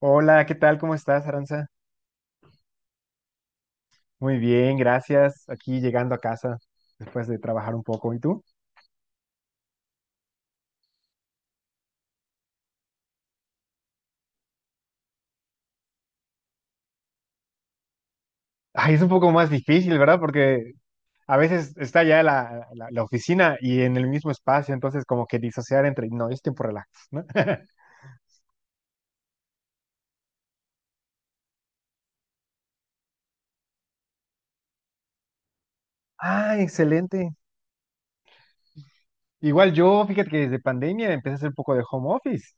Hola, ¿qué tal? ¿Cómo estás, Aranza? Muy bien, gracias. Aquí llegando a casa después de trabajar un poco. ¿Y tú? Ay, es un poco más difícil, ¿verdad? Porque a veces está ya la oficina y en el mismo espacio, entonces como que disociar entre, no, es tiempo relax, ¿no? Ah, excelente. Igual yo, fíjate que desde pandemia empecé a hacer un poco de home office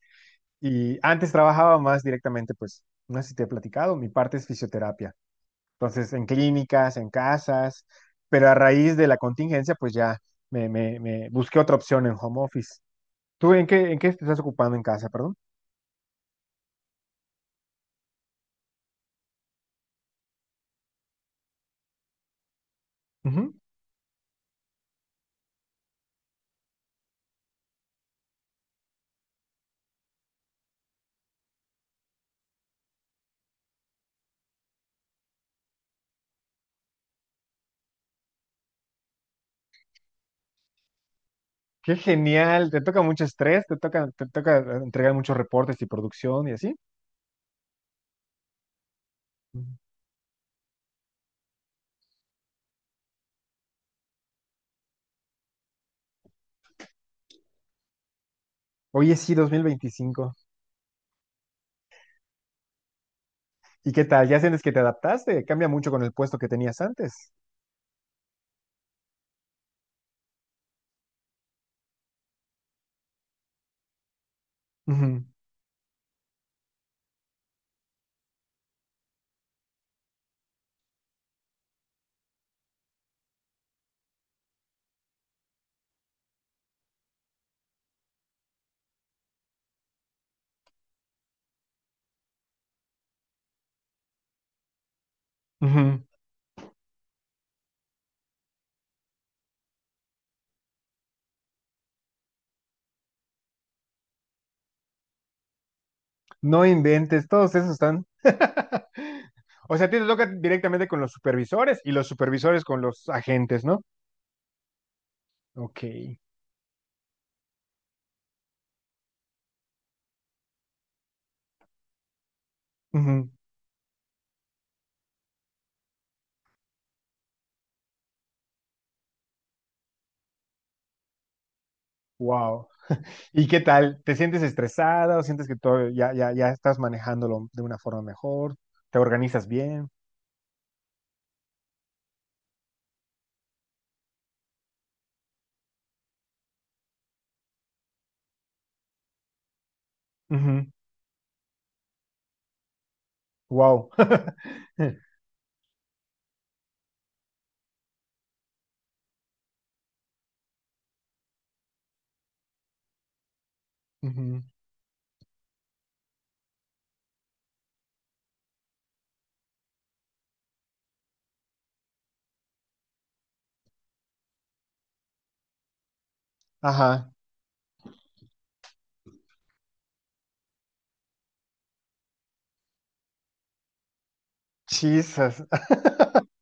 y antes trabajaba más directamente, pues, no sé si te he platicado, mi parte es fisioterapia. Entonces, en clínicas, en casas, pero a raíz de la contingencia, pues ya me busqué otra opción en home office. ¿Tú en qué te estás ocupando en casa, perdón? Ujú. Qué genial, te toca mucho estrés, te toca entregar muchos reportes y producción y así. Ujú. Oye, sí, 2025. ¿Y qué tal? ¿Ya sientes que te adaptaste? Cambia mucho con el puesto que tenías antes. Ujú, ujú. No inventes, todos esos están. O sea, a ti te toca directamente con los supervisores y los supervisores con los agentes, ¿no? Ok. Ujú. Wow. ¿Y qué tal? ¿Te sientes estresada o sientes que todo ya estás manejándolo de una forma mejor? ¿Te organizas bien? Ujú. Wow. Ujú. Ajá. Chisas.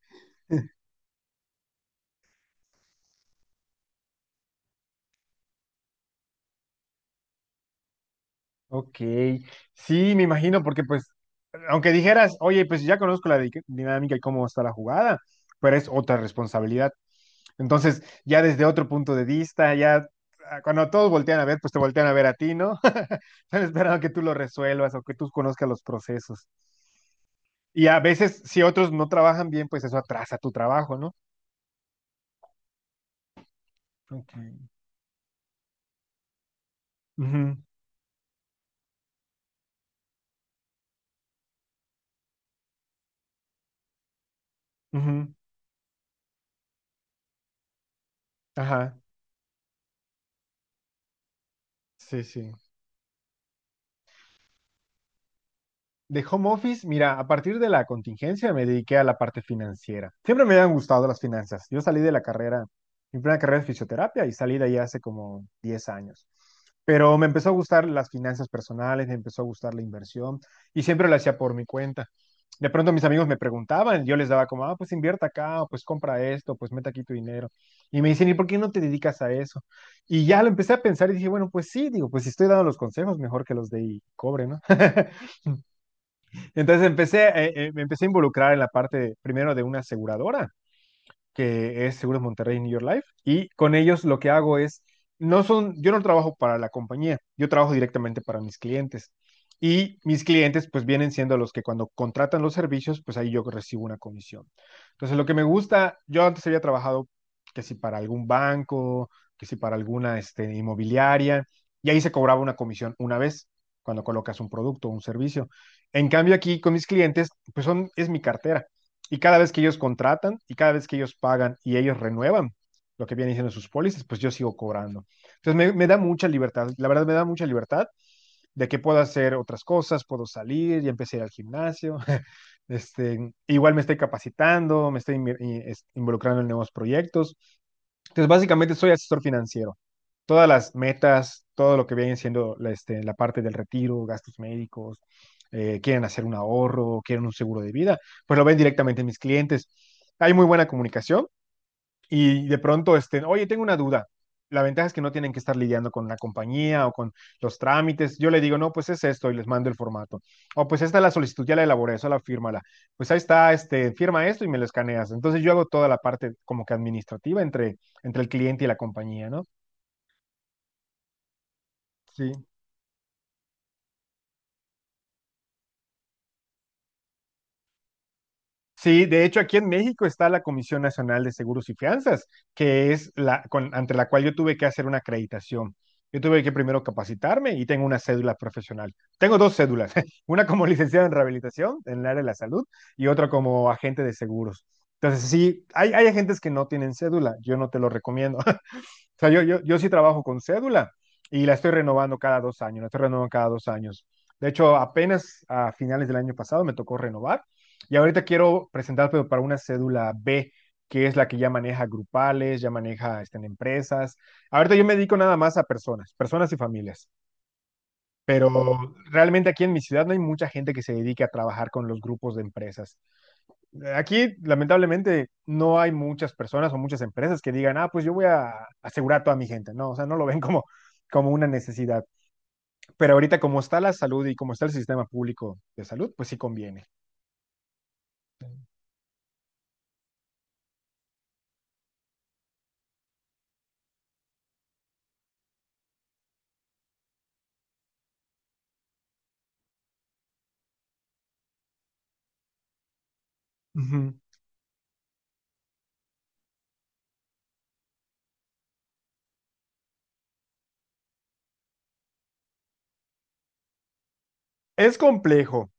Ok, sí, me imagino, porque pues aunque dijeras, oye, pues ya conozco la dinámica y cómo está la jugada, pero es otra responsabilidad. Entonces, ya desde otro punto de vista, ya ah, cuando todos voltean a ver, pues te voltean a ver a ti, ¿no? Están esperando que tú lo resuelvas o que tú conozcas los procesos. Y a veces, si otros no trabajan bien, pues eso atrasa tu trabajo, ¿no? Ok. Ujú, ujú, ajá, sí, sí. De home office, mira, a partir de la contingencia me dediqué a la parte financiera. Siempre me habían gustado las finanzas. Yo salí de la carrera, mi primera carrera es fisioterapia y salí de ahí hace como 10 años. Pero me empezó a gustar las finanzas personales, me empezó a gustar la inversión y siempre lo hacía por mi cuenta. De pronto mis amigos me preguntaban, yo les daba como, ah, pues invierta acá, o pues compra esto, pues mete aquí tu dinero. Y me dicen, ¿y por qué no te dedicas a eso? Y ya lo empecé a pensar y dije, bueno, pues sí, digo, pues si estoy dando los consejos, mejor que los de y cobre, ¿no? Entonces empecé, me empecé a involucrar en la parte primero de una aseguradora que es Seguros Monterrey New York Life, y con ellos lo que hago es, no son, yo no trabajo para la compañía, yo trabajo directamente para mis clientes. Y mis clientes pues vienen siendo los que cuando contratan los servicios, pues ahí yo recibo una comisión. Entonces lo que me gusta, yo antes había trabajado que si para algún banco, que si para alguna este, inmobiliaria, y ahí se cobraba una comisión una vez cuando colocas un producto o un servicio. En cambio aquí con mis clientes, pues son, es mi cartera. Y cada vez que ellos contratan y cada vez que ellos pagan y ellos renuevan lo que vienen diciendo sus pólizas, pues yo sigo cobrando. Entonces me da mucha libertad, la verdad me da mucha libertad de que puedo hacer otras cosas, puedo salir, ya empecé a ir al gimnasio. Este, igual me estoy capacitando, me estoy involucrando en nuevos proyectos. Entonces, básicamente soy asesor financiero, todas las metas, todo lo que viene siendo la, este, la parte del retiro, gastos médicos, quieren hacer un ahorro, quieren un seguro de vida, pues lo ven directamente en mis clientes. Hay muy buena comunicación y de pronto, este, oye, tengo una duda. La ventaja es que no tienen que estar lidiando con la compañía o con los trámites. Yo le digo, no, pues es esto y les mando el formato. O pues esta es la solicitud, ya la elaboré, eso la fírmala. Pues ahí está, este, firma esto y me lo escaneas. Entonces yo hago toda la parte como que administrativa entre el cliente y la compañía, ¿no? Sí. Sí, de hecho aquí en México está la Comisión Nacional de Seguros y Fianzas, que es la ante la cual yo tuve que hacer una acreditación. Yo tuve que primero capacitarme y tengo una cédula profesional. Tengo dos cédulas, una como licenciado en rehabilitación en el área de la salud y otra como agente de seguros. Entonces, sí, hay agentes que no tienen cédula, yo no te lo recomiendo. O sea, yo sí trabajo con cédula y la estoy renovando cada 2 años, la estoy renovando cada dos años. De hecho, apenas a finales del año pasado me tocó renovar y ahorita quiero presentar, pero para una cédula B, que es la que ya maneja grupales, ya maneja este, en empresas. Ahorita yo me dedico nada más a personas, personas y familias, pero realmente aquí en mi ciudad no hay mucha gente que se dedique a trabajar con los grupos de empresas. Aquí, lamentablemente, no hay muchas personas o muchas empresas que digan, ah, pues yo voy a asegurar a toda mi gente, ¿no? O sea, no lo ven como, como una necesidad. Pero ahorita, como está la salud y como está el sistema público de salud, pues sí conviene. Ujú. Es complejo.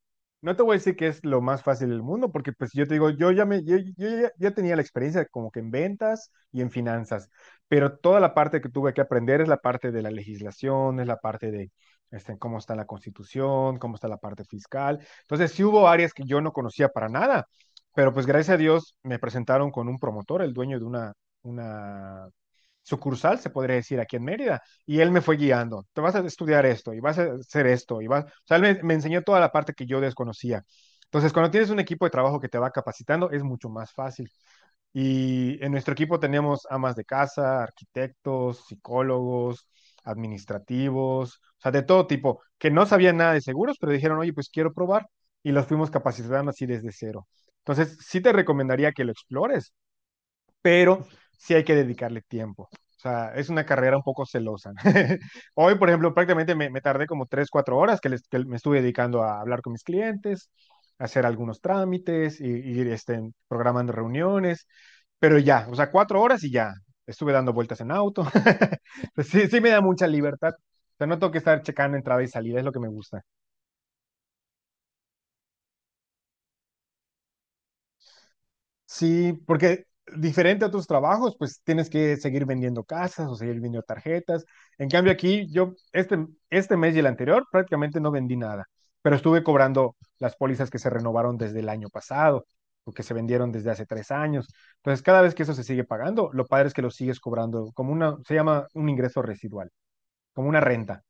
No te voy a decir que es lo más fácil del mundo, porque pues yo te digo, yo ya me, yo ya, ya tenía la experiencia como que en ventas y en finanzas, pero toda la parte que tuve que aprender es la parte de la legislación, es la parte de este, cómo está la constitución, cómo está la parte fiscal. Entonces sí hubo áreas que yo no conocía para nada, pero pues gracias a Dios me presentaron con un promotor, el dueño de una sucursal, se podría decir, aquí en Mérida. Y él me fue guiando, te vas a estudiar esto y vas a hacer esto. Y vas... O sea, me enseñó toda la parte que yo desconocía. Entonces, cuando tienes un equipo de trabajo que te va capacitando, es mucho más fácil. Y en nuestro equipo tenemos amas de casa, arquitectos, psicólogos, administrativos, o sea, de todo tipo, que no sabían nada de seguros, pero dijeron, oye, pues quiero probar. Y los fuimos capacitando así desde cero. Entonces, sí te recomendaría que lo explores, pero sí hay que dedicarle tiempo. O sea, es una carrera un poco celosa. Hoy, por ejemplo, prácticamente me tardé como tres, cuatro horas que, les, que me estuve dedicando a hablar con mis clientes, a hacer algunos trámites, y este, programando reuniones, pero ya, o sea, 4 horas y ya. Estuve dando vueltas en auto. Pues sí, sí me da mucha libertad. O sea, no tengo que estar checando entrada y salida, es lo que me gusta. Sí, porque diferente a tus trabajos, pues tienes que seguir vendiendo casas o seguir vendiendo tarjetas. En cambio aquí, yo este, este mes y el anterior prácticamente no vendí nada, pero estuve cobrando las pólizas que se renovaron desde el año pasado o que se vendieron desde hace 3 años. Entonces, cada vez que eso se sigue pagando, lo padre es que lo sigues cobrando como una, se llama un ingreso residual, como una renta.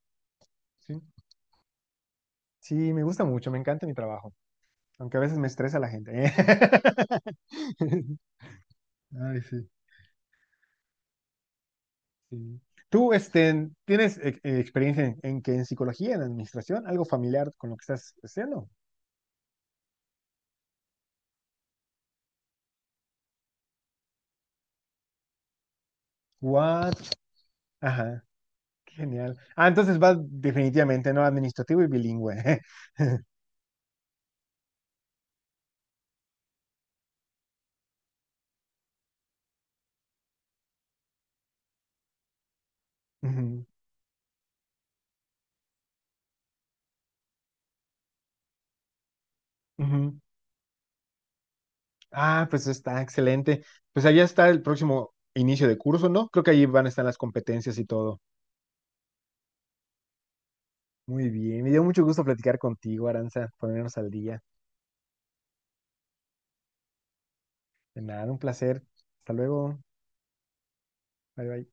Sí, sí, me gusta mucho, me encanta mi trabajo, aunque a veces me estresa la gente. Ay, sí. Sí. ¿Tú este, tienes experiencia en que en psicología, en administración, algo familiar con lo que estás haciendo? What? Ajá, qué genial. Ah, entonces vas definitivamente, ¿no? Administrativo y bilingüe. Ujú, ujú. Ah, pues está excelente. Pues allá está el próximo inicio de curso, ¿no? Creo que allí van a estar las competencias y todo. Muy bien, me dio mucho gusto platicar contigo, Aranza, ponernos al día. De nada, un placer. Hasta luego. Bye, bye.